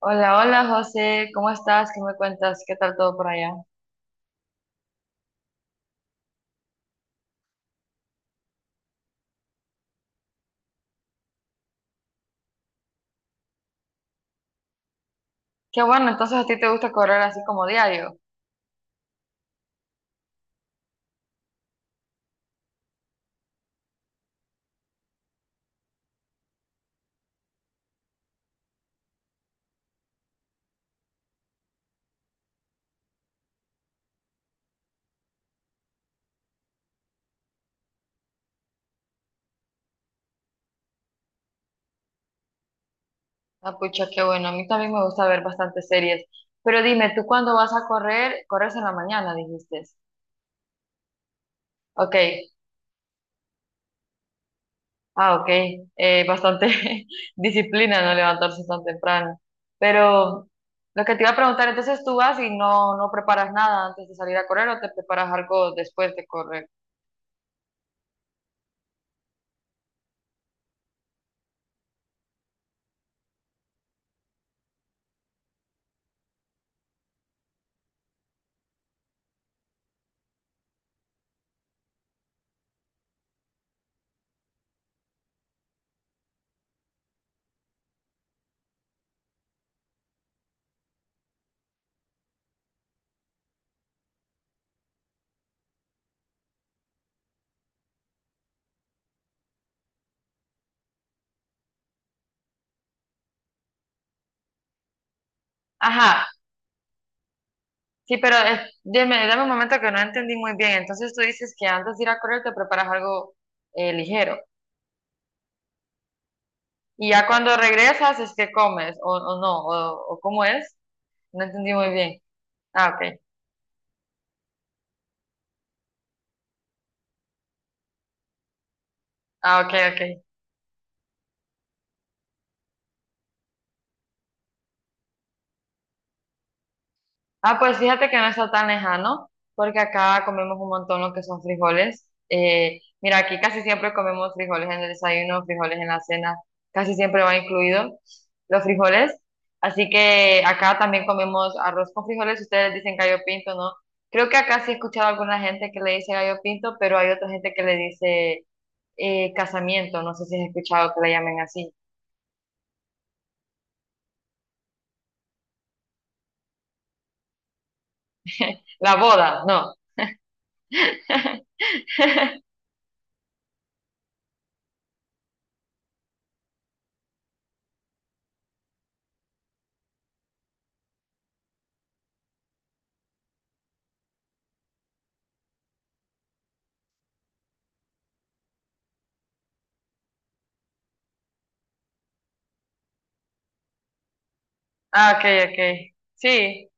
Hola, hola José, ¿cómo estás? ¿Qué me cuentas? ¿Qué tal todo por allá? Qué bueno, entonces a ti te gusta correr así como diario. Ah, pucha, qué bueno. A mí también me gusta ver bastantes series. Pero dime, ¿tú cuándo vas a correr? Corres en la mañana, dijiste. Ok, ah, ok. Bastante disciplina no levantarse tan temprano. Pero lo que te iba a preguntar, entonces tú vas y no preparas nada antes de salir a correr o te preparas algo después de correr. Ajá, sí, pero dime, dame un momento que no entendí muy bien. Entonces tú dices que antes de ir a correr te preparas algo ligero. Y ya cuando regresas es que comes, o no, o cómo es. No entendí muy bien. Ah, ok. Ah, ok, ok. Ah, pues fíjate que no está tan lejano, porque acá comemos un montón lo que son frijoles. Mira, aquí casi siempre comemos frijoles en el desayuno, frijoles en la cena, casi siempre va incluido los frijoles. Así que acá también comemos arroz con frijoles, ustedes dicen gallo pinto, ¿no? Creo que acá sí he escuchado a alguna gente que le dice gallo pinto, pero hay otra gente que le dice casamiento, no sé si has escuchado que le llamen así. La boda, no. Ah, ok, ok. Sí.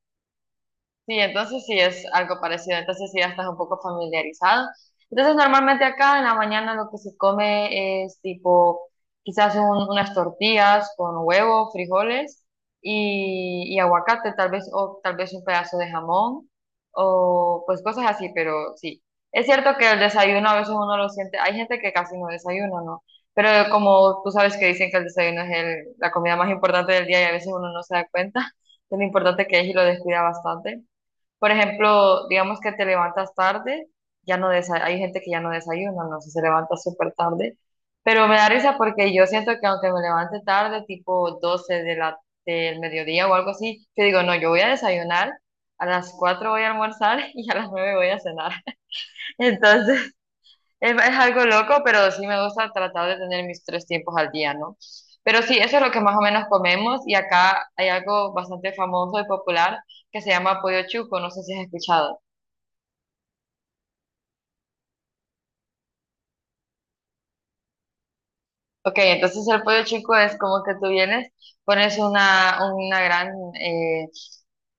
Sí, entonces sí es algo parecido, entonces sí ya estás un poco familiarizado. Entonces normalmente acá en la mañana lo que se come es tipo quizás unas tortillas con huevo, frijoles y aguacate tal vez o tal vez un pedazo de jamón o pues cosas así, pero sí. Es cierto que el desayuno a veces uno lo siente, hay gente que casi no desayuna, ¿no? Pero como tú sabes que dicen que el desayuno es la comida más importante del día y a veces uno no se da cuenta de lo importante que es y lo descuida bastante. Por ejemplo, digamos que te levantas tarde, ya no hay gente que ya no desayuna, no sé, se levanta súper tarde, pero me da risa porque yo siento que aunque me levante tarde, tipo del mediodía o algo así, yo digo, no, yo voy a desayunar, a las 4 voy a almorzar y a las 9 voy a cenar. Entonces, es algo loco, pero sí me gusta tratar de tener mis tres tiempos al día, ¿no? Pero sí, eso es lo que más o menos comemos y acá hay algo bastante famoso y popular que se llama pollo chuco, no sé si has escuchado. Ok, entonces el pollo chico es como que tú vienes, pones una gran eh,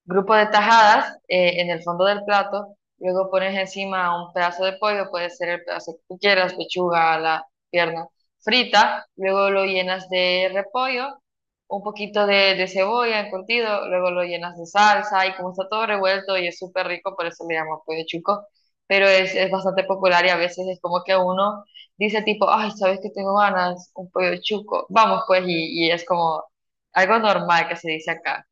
grupo de tajadas en el fondo del plato, luego pones encima un pedazo de pollo, puede ser el pedazo que tú quieras, pechuga, la pierna frita, luego lo llenas de repollo, un poquito de cebolla encurtido, luego lo llenas de salsa y como está todo revuelto y es súper rico, por eso le llamo pollo chico, pero es bastante popular y a veces es como que uno dice tipo, ay, ¿sabes que tengo ganas? Un pollo chuco. Vamos pues, y es como algo normal que se dice acá.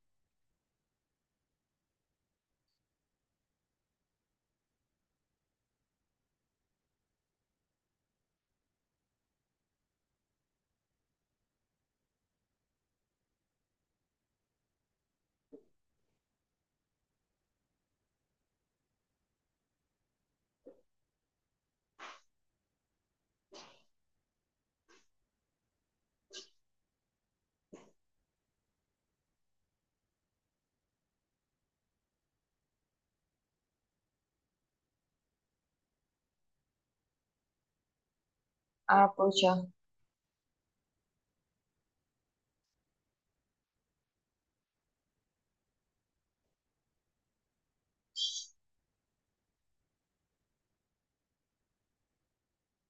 Ah, pucha.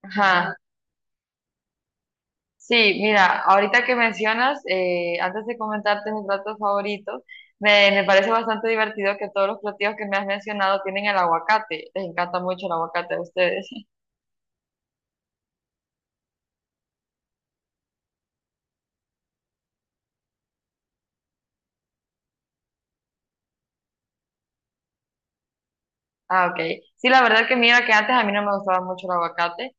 Ajá. Sí, mira, ahorita que mencionas, antes de comentarte mis platos favoritos, me parece bastante divertido que todos los platillos que me has mencionado tienen el aguacate. Les encanta mucho el aguacate a ustedes. Ah, ok. Sí, la verdad que mira que antes a mí no me gustaba mucho el aguacate.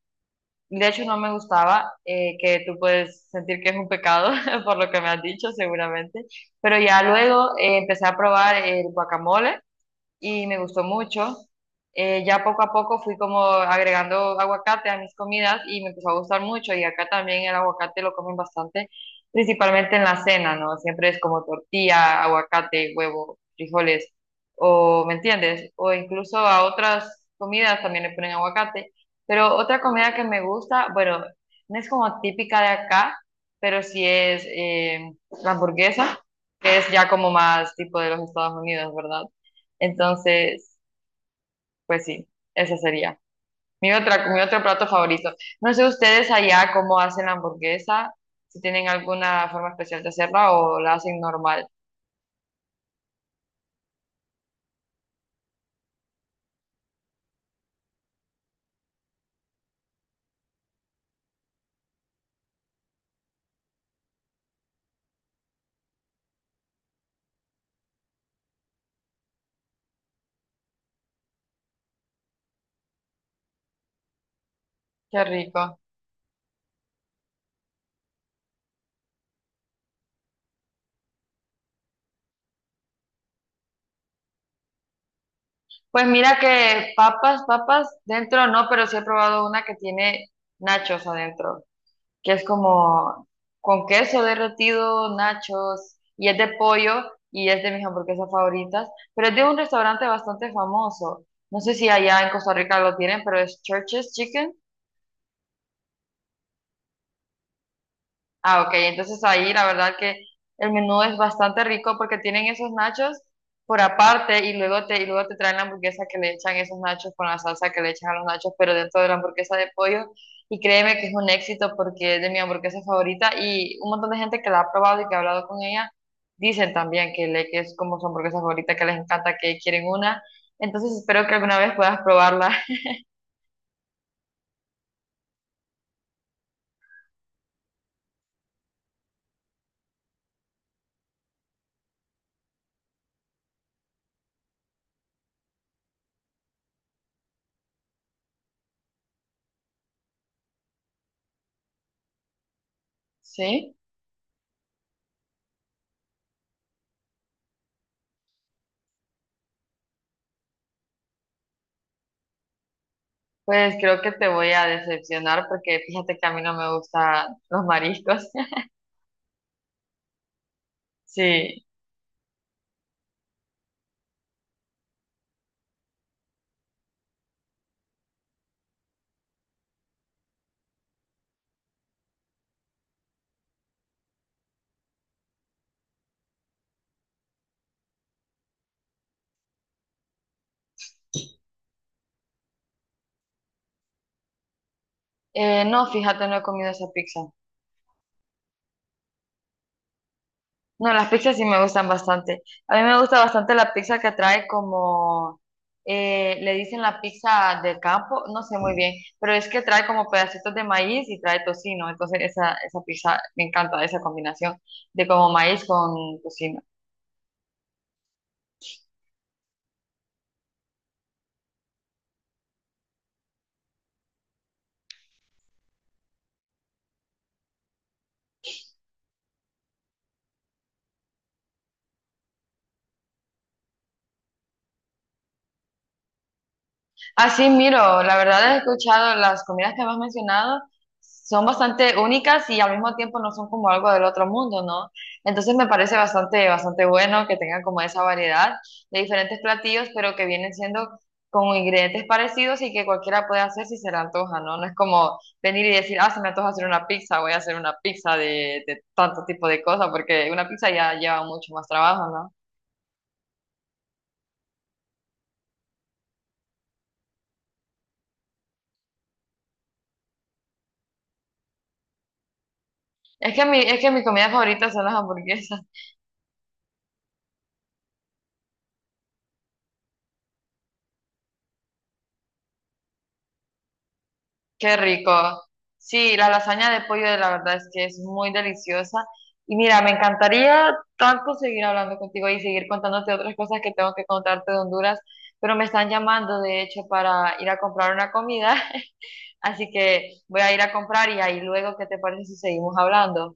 De hecho, no me gustaba, que tú puedes sentir que es un pecado, por lo que me has dicho, seguramente. Pero ya luego empecé a probar el guacamole y me gustó mucho. Ya poco a poco fui como agregando aguacate a mis comidas y me empezó a gustar mucho y acá también el aguacate lo comen bastante, principalmente en la cena, ¿no? Siempre es como tortilla, aguacate, huevo, frijoles o, ¿me entiendes? O incluso a otras comidas también le ponen aguacate. Pero otra comida que me gusta, bueno, no es como típica de acá, pero sí es la hamburguesa, que es ya como más tipo de los Estados Unidos, ¿verdad? Entonces, pues sí, ese sería. Mi otra, mi otro plato favorito. No sé ustedes allá cómo hacen la hamburguesa, si tienen alguna forma especial de hacerla o la hacen normal. Qué rico. Pues mira que papas, papas dentro no, pero sí he probado una que tiene nachos adentro. Que es como con queso derretido, nachos, y es de pollo y es de mis hamburguesas favoritas, pero es de un restaurante bastante famoso. No sé si allá en Costa Rica lo tienen, pero es Church's Chicken. Ah, ok, entonces ahí la verdad que el menú es bastante rico porque tienen esos nachos por aparte y luego y luego te traen la hamburguesa que le echan esos nachos con la salsa que le echan a los nachos, pero dentro de la hamburguesa de pollo. Y créeme que es un éxito porque es de mi hamburguesa favorita y un montón de gente que la ha probado y que ha hablado con ella dicen también que es como su hamburguesa favorita, que les encanta, que quieren una. Entonces espero que alguna vez puedas probarla. ¿Sí? Pues creo que te voy a decepcionar porque fíjate que a mí no me gustan los mariscos. Sí. No, fíjate, no he comido esa pizza. No, las pizzas sí me gustan bastante. A mí me gusta bastante la pizza que trae como, le dicen la pizza de campo, no sé muy bien, pero es que trae como pedacitos de maíz y trae tocino. Entonces esa pizza me encanta, esa combinación de como maíz con tocino. Así, miro, la verdad he escuchado las comidas que me has mencionado son bastante únicas y al mismo tiempo no son como algo del otro mundo, ¿no? Entonces me parece bastante, bastante bueno que tengan como esa variedad de diferentes platillos, pero que vienen siendo con ingredientes parecidos y que cualquiera puede hacer si se le antoja, ¿no? No es como venir y decir, ah, se me antoja hacer una pizza, voy a hacer una pizza de tanto tipo de cosas, porque una pizza ya lleva mucho más trabajo, ¿no? Es que mi comida favorita son las hamburguesas. Qué rico. Sí, la lasaña de pollo, la verdad es que es muy deliciosa. Y mira, me encantaría tanto seguir hablando contigo y seguir contándote otras cosas que tengo que contarte de Honduras, pero me están llamando, de hecho, para ir a comprar una comida. Así que voy a ir a comprar y ahí luego, ¿qué te parece si seguimos hablando?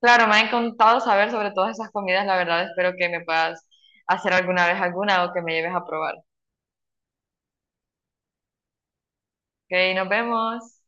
Claro, me ha encantado saber sobre todas esas comidas, la verdad, espero que me puedas hacer alguna vez alguna o que me lleves a probar. Ok, nos vemos.